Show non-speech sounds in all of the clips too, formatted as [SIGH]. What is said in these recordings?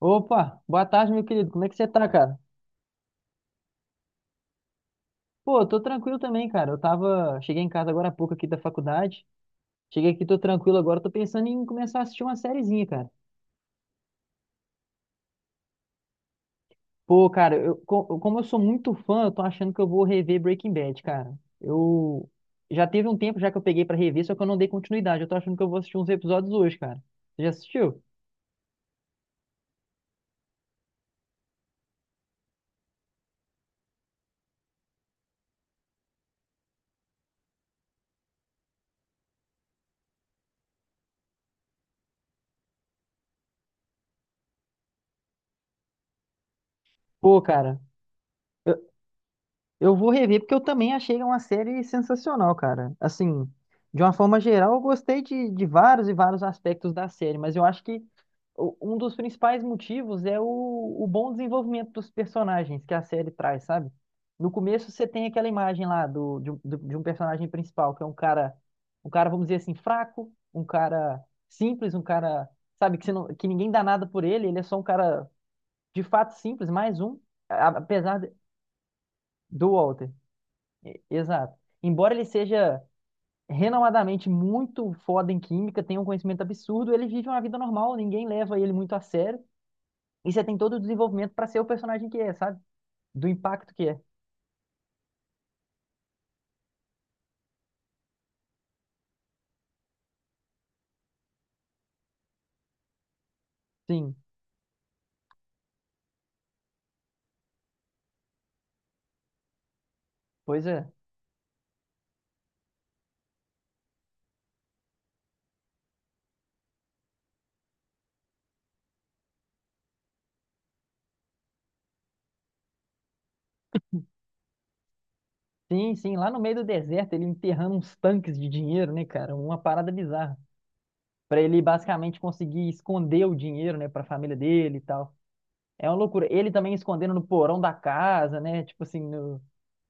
Opa, boa tarde, meu querido. Como é que você tá, cara? Pô, tô tranquilo também, cara. Eu tava. Cheguei em casa agora há pouco aqui da faculdade. Cheguei aqui, tô tranquilo agora. Tô pensando em começar a assistir uma sériezinha, cara. Pô, cara, como eu sou muito fã, eu tô achando que eu vou rever Breaking Bad, cara. Eu. Já teve um tempo já que eu peguei pra rever, só que eu não dei continuidade. Eu tô achando que eu vou assistir uns episódios hoje, cara. Você já assistiu? Pô, cara. Eu vou rever porque eu também achei uma série sensacional, cara. Assim, de uma forma geral, eu gostei de vários e vários aspectos da série, mas eu acho que um dos principais motivos é o bom desenvolvimento dos personagens que a série traz, sabe? No começo você tem aquela imagem lá de um personagem principal, que é um cara, vamos dizer assim, fraco, um cara simples, um cara, sabe, que, você não, que ninguém dá nada por ele. Ele é só um cara de fato simples, mais um, a- apesar de- do Walter. Exato. Embora ele seja renomadamente muito foda em química, tenha um conhecimento absurdo, ele vive uma vida normal, ninguém leva ele muito a sério. E você tem todo o desenvolvimento para ser o personagem que é, sabe? Do impacto que é. Sim, pois é. Sim, sim, lá no meio do deserto, ele enterrando uns tanques de dinheiro, né, cara? Uma parada bizarra. Pra ele basicamente conseguir esconder o dinheiro, né, pra família dele e tal. É uma loucura. Ele também escondendo no porão da casa, né? Tipo assim, no,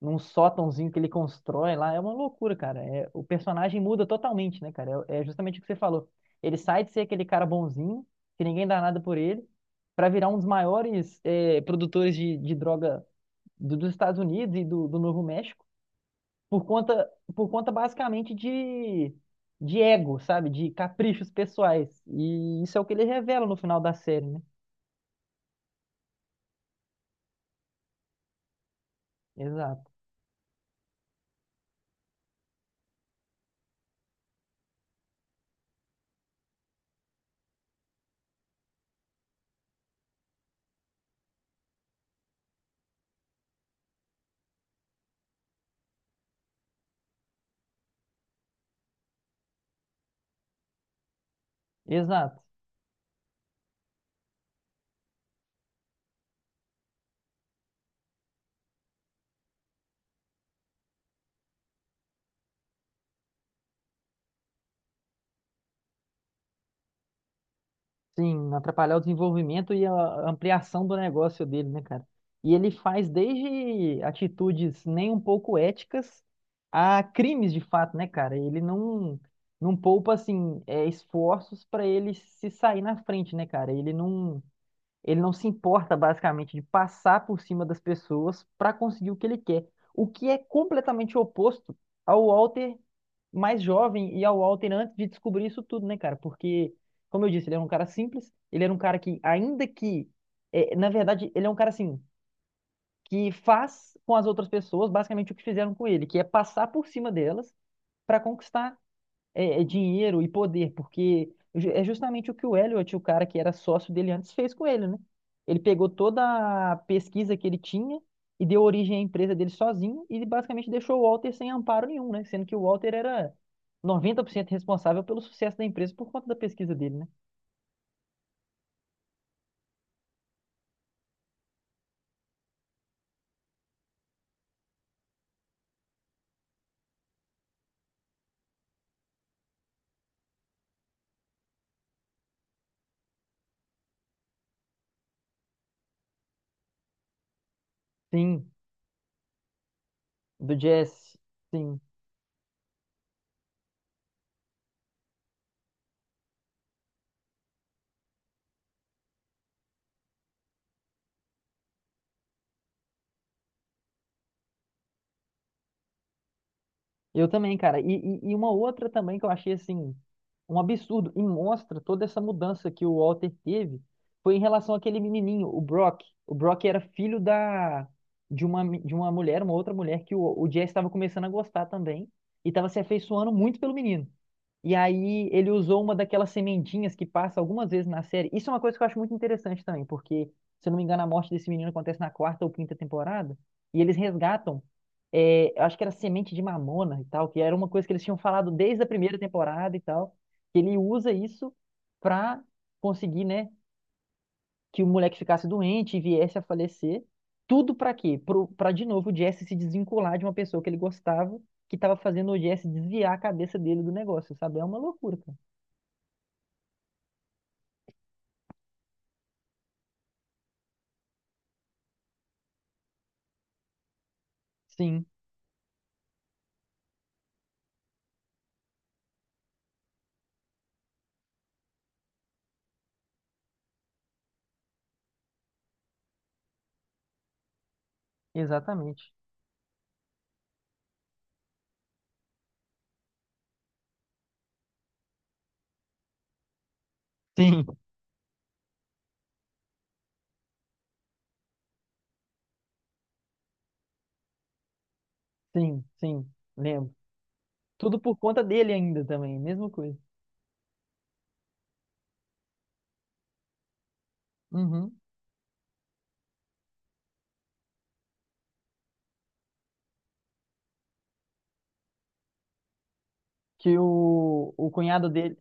num sótãozinho que ele constrói lá. É uma loucura, cara. É, o personagem muda totalmente, né, cara? É justamente o que você falou. Ele sai de ser aquele cara bonzinho, que ninguém dá nada por ele, pra virar um dos maiores produtores de droga dos Estados Unidos e do Novo México, por conta, por conta basicamente de ego, sabe? De caprichos pessoais. E isso é o que ele revela no final da série, né? Exato. Exato. Sim, atrapalhar o desenvolvimento e a ampliação do negócio dele, né, cara? E ele faz desde atitudes nem um pouco éticas a crimes de fato, né, cara? Ele não poupa assim esforços para ele se sair na frente, né, cara? Ele não se importa basicamente de passar por cima das pessoas para conseguir o que ele quer, o que é completamente oposto ao Walter mais jovem e ao Walter antes de descobrir isso tudo, né, cara? Porque, como eu disse, ele era um cara simples, ele era um cara que, ainda que, na verdade, ele é um cara assim, que faz com as outras pessoas basicamente o que fizeram com ele, que é passar por cima delas para conquistar dinheiro e poder, porque é justamente o que o Elliot, o cara que era sócio dele antes, fez com ele, né? Ele pegou toda a pesquisa que ele tinha e deu origem à empresa dele sozinho, e ele basicamente deixou o Walter sem amparo nenhum, né? Sendo que o Walter era 90% responsável pelo sucesso da empresa por conta da pesquisa dele, né? Sim, do Jesse. Sim. Eu também, cara. E uma outra também que eu achei assim, um absurdo, e mostra toda essa mudança que o Walter teve, foi em relação àquele menininho, o Brock. O Brock era filho da de uma, mi- de uma mulher, uma outra mulher, que o Jesse estava começando a gostar também, e estava se afeiçoando muito pelo menino. E aí ele usou uma daquelas sementinhas que passa algumas vezes na série. Isso é uma coisa que eu acho muito interessante também, porque, se eu não me engano, a morte desse menino acontece na quarta ou quinta temporada, e eles resgatam eu acho que era semente de mamona e tal, que era uma coisa que eles tinham falado desde a primeira temporada e tal, que ele usa isso pra conseguir, né, que o moleque ficasse doente e viesse a falecer. Tudo pra quê? Pra de novo o Jesse se desvincular de uma pessoa que ele gostava, que tava fazendo o Jesse desviar a cabeça dele do negócio, sabe? É uma loucura, cara. Sim, exatamente. Sim, [LAUGHS] sim, sim, lembro. Tudo por conta dele ainda também, mesma coisa. Uhum. Que o cunhado dele.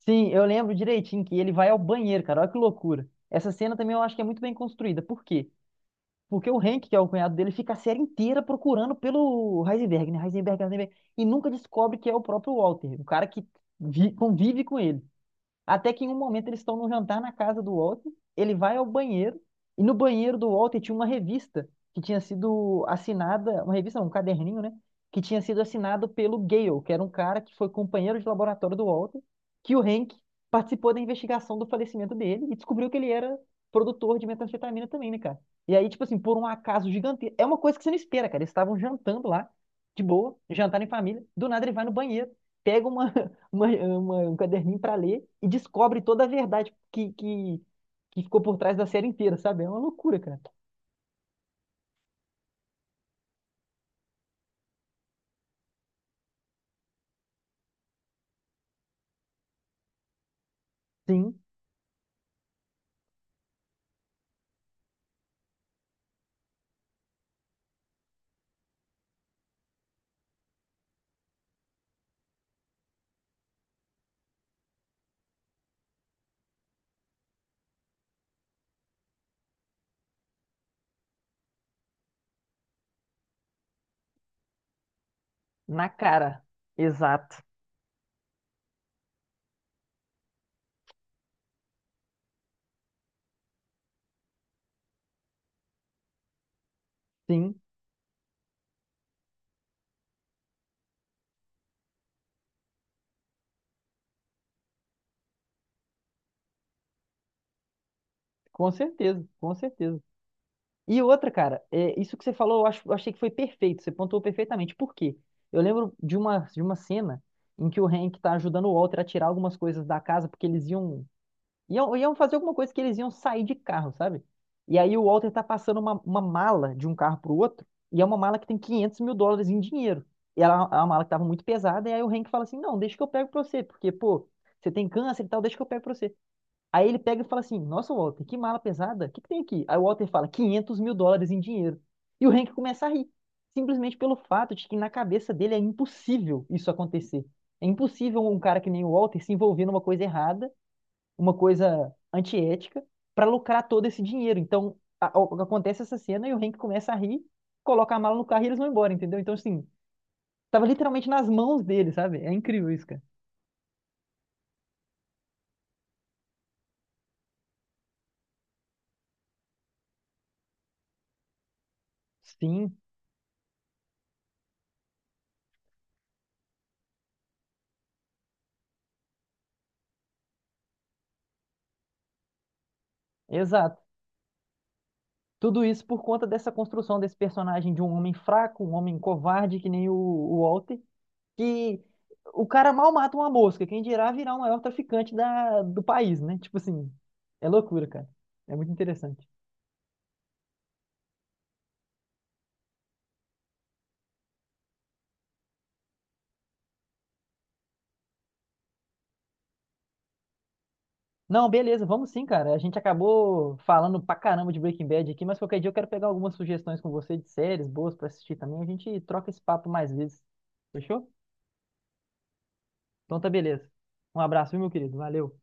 Sim, eu lembro direitinho que ele vai ao banheiro, cara. Olha que loucura. Essa cena também eu acho que é muito bem construída. Por quê? Porque o Hank, que é o cunhado dele, fica a série inteira procurando pelo Heisenberg, né? Heisenberg, Heisenberg. E nunca descobre que é o próprio Walter, o cara que convive com ele. Até que em um momento eles estão num jantar na casa do Walter, ele vai ao banheiro, e no banheiro do Walter tinha uma revista que tinha sido assinada, uma revista, não, um caderninho, né? Que tinha sido assinado pelo Gale, que era um cara que foi companheiro de laboratório do Walter, que o Hank participou da investigação do falecimento dele e descobriu que ele era produtor de metanfetamina também, né, cara? E aí, tipo assim, por um acaso gigantesco, é uma coisa que você não espera, cara. Eles estavam jantando lá, de boa, jantar em família, do nada ele vai no banheiro, pega [LAUGHS] um caderninho para ler e descobre toda a verdade que ficou por trás da série inteira, sabe? É uma loucura, cara. Sim, na cara. Exato. Sim, com certeza, com certeza. E outra, cara, isso que você falou, eu acho, eu achei que foi perfeito, você pontuou perfeitamente. Por quê? Eu lembro de uma cena em que o Hank tá ajudando o Walter a tirar algumas coisas da casa, porque eles iam fazer alguma coisa que eles iam sair de carro, sabe? E aí o Walter tá passando uma mala de um carro pro outro, e é uma mala que tem 500 mil dólares em dinheiro. E ela é uma mala que tava muito pesada, e aí o Hank fala assim, não, deixa que eu pego pra você, porque, pô, você tem câncer e tal, deixa que eu pego pra você. Aí ele pega e fala assim, nossa, Walter, que mala pesada, o que que tem aqui? Aí o Walter fala, 500 mil dólares em dinheiro. E o Hank começa a rir, simplesmente pelo fato de que na cabeça dele é impossível isso acontecer. É impossível um cara que nem o Walter se envolver numa coisa errada, uma coisa antiética, para lucrar todo esse dinheiro. Então, acontece essa cena e o Hank começa a rir, coloca a mala no carro e eles vão embora, entendeu? Então, assim, tava literalmente nas mãos dele, sabe? É incrível isso, cara. Sim, exato. Tudo isso por conta dessa construção desse personagem de um homem fraco, um homem covarde, que nem o Walter, que o cara mal mata uma mosca, quem dirá virar o maior traficante da, do país, né? Tipo assim, é loucura, cara. É muito interessante. Não, beleza, vamos sim, cara. A gente acabou falando pra caramba de Breaking Bad aqui, mas qualquer dia eu quero pegar algumas sugestões com você de séries boas pra assistir também. A gente troca esse papo mais vezes. Fechou? Então tá beleza. Um abraço, viu, meu querido? Valeu.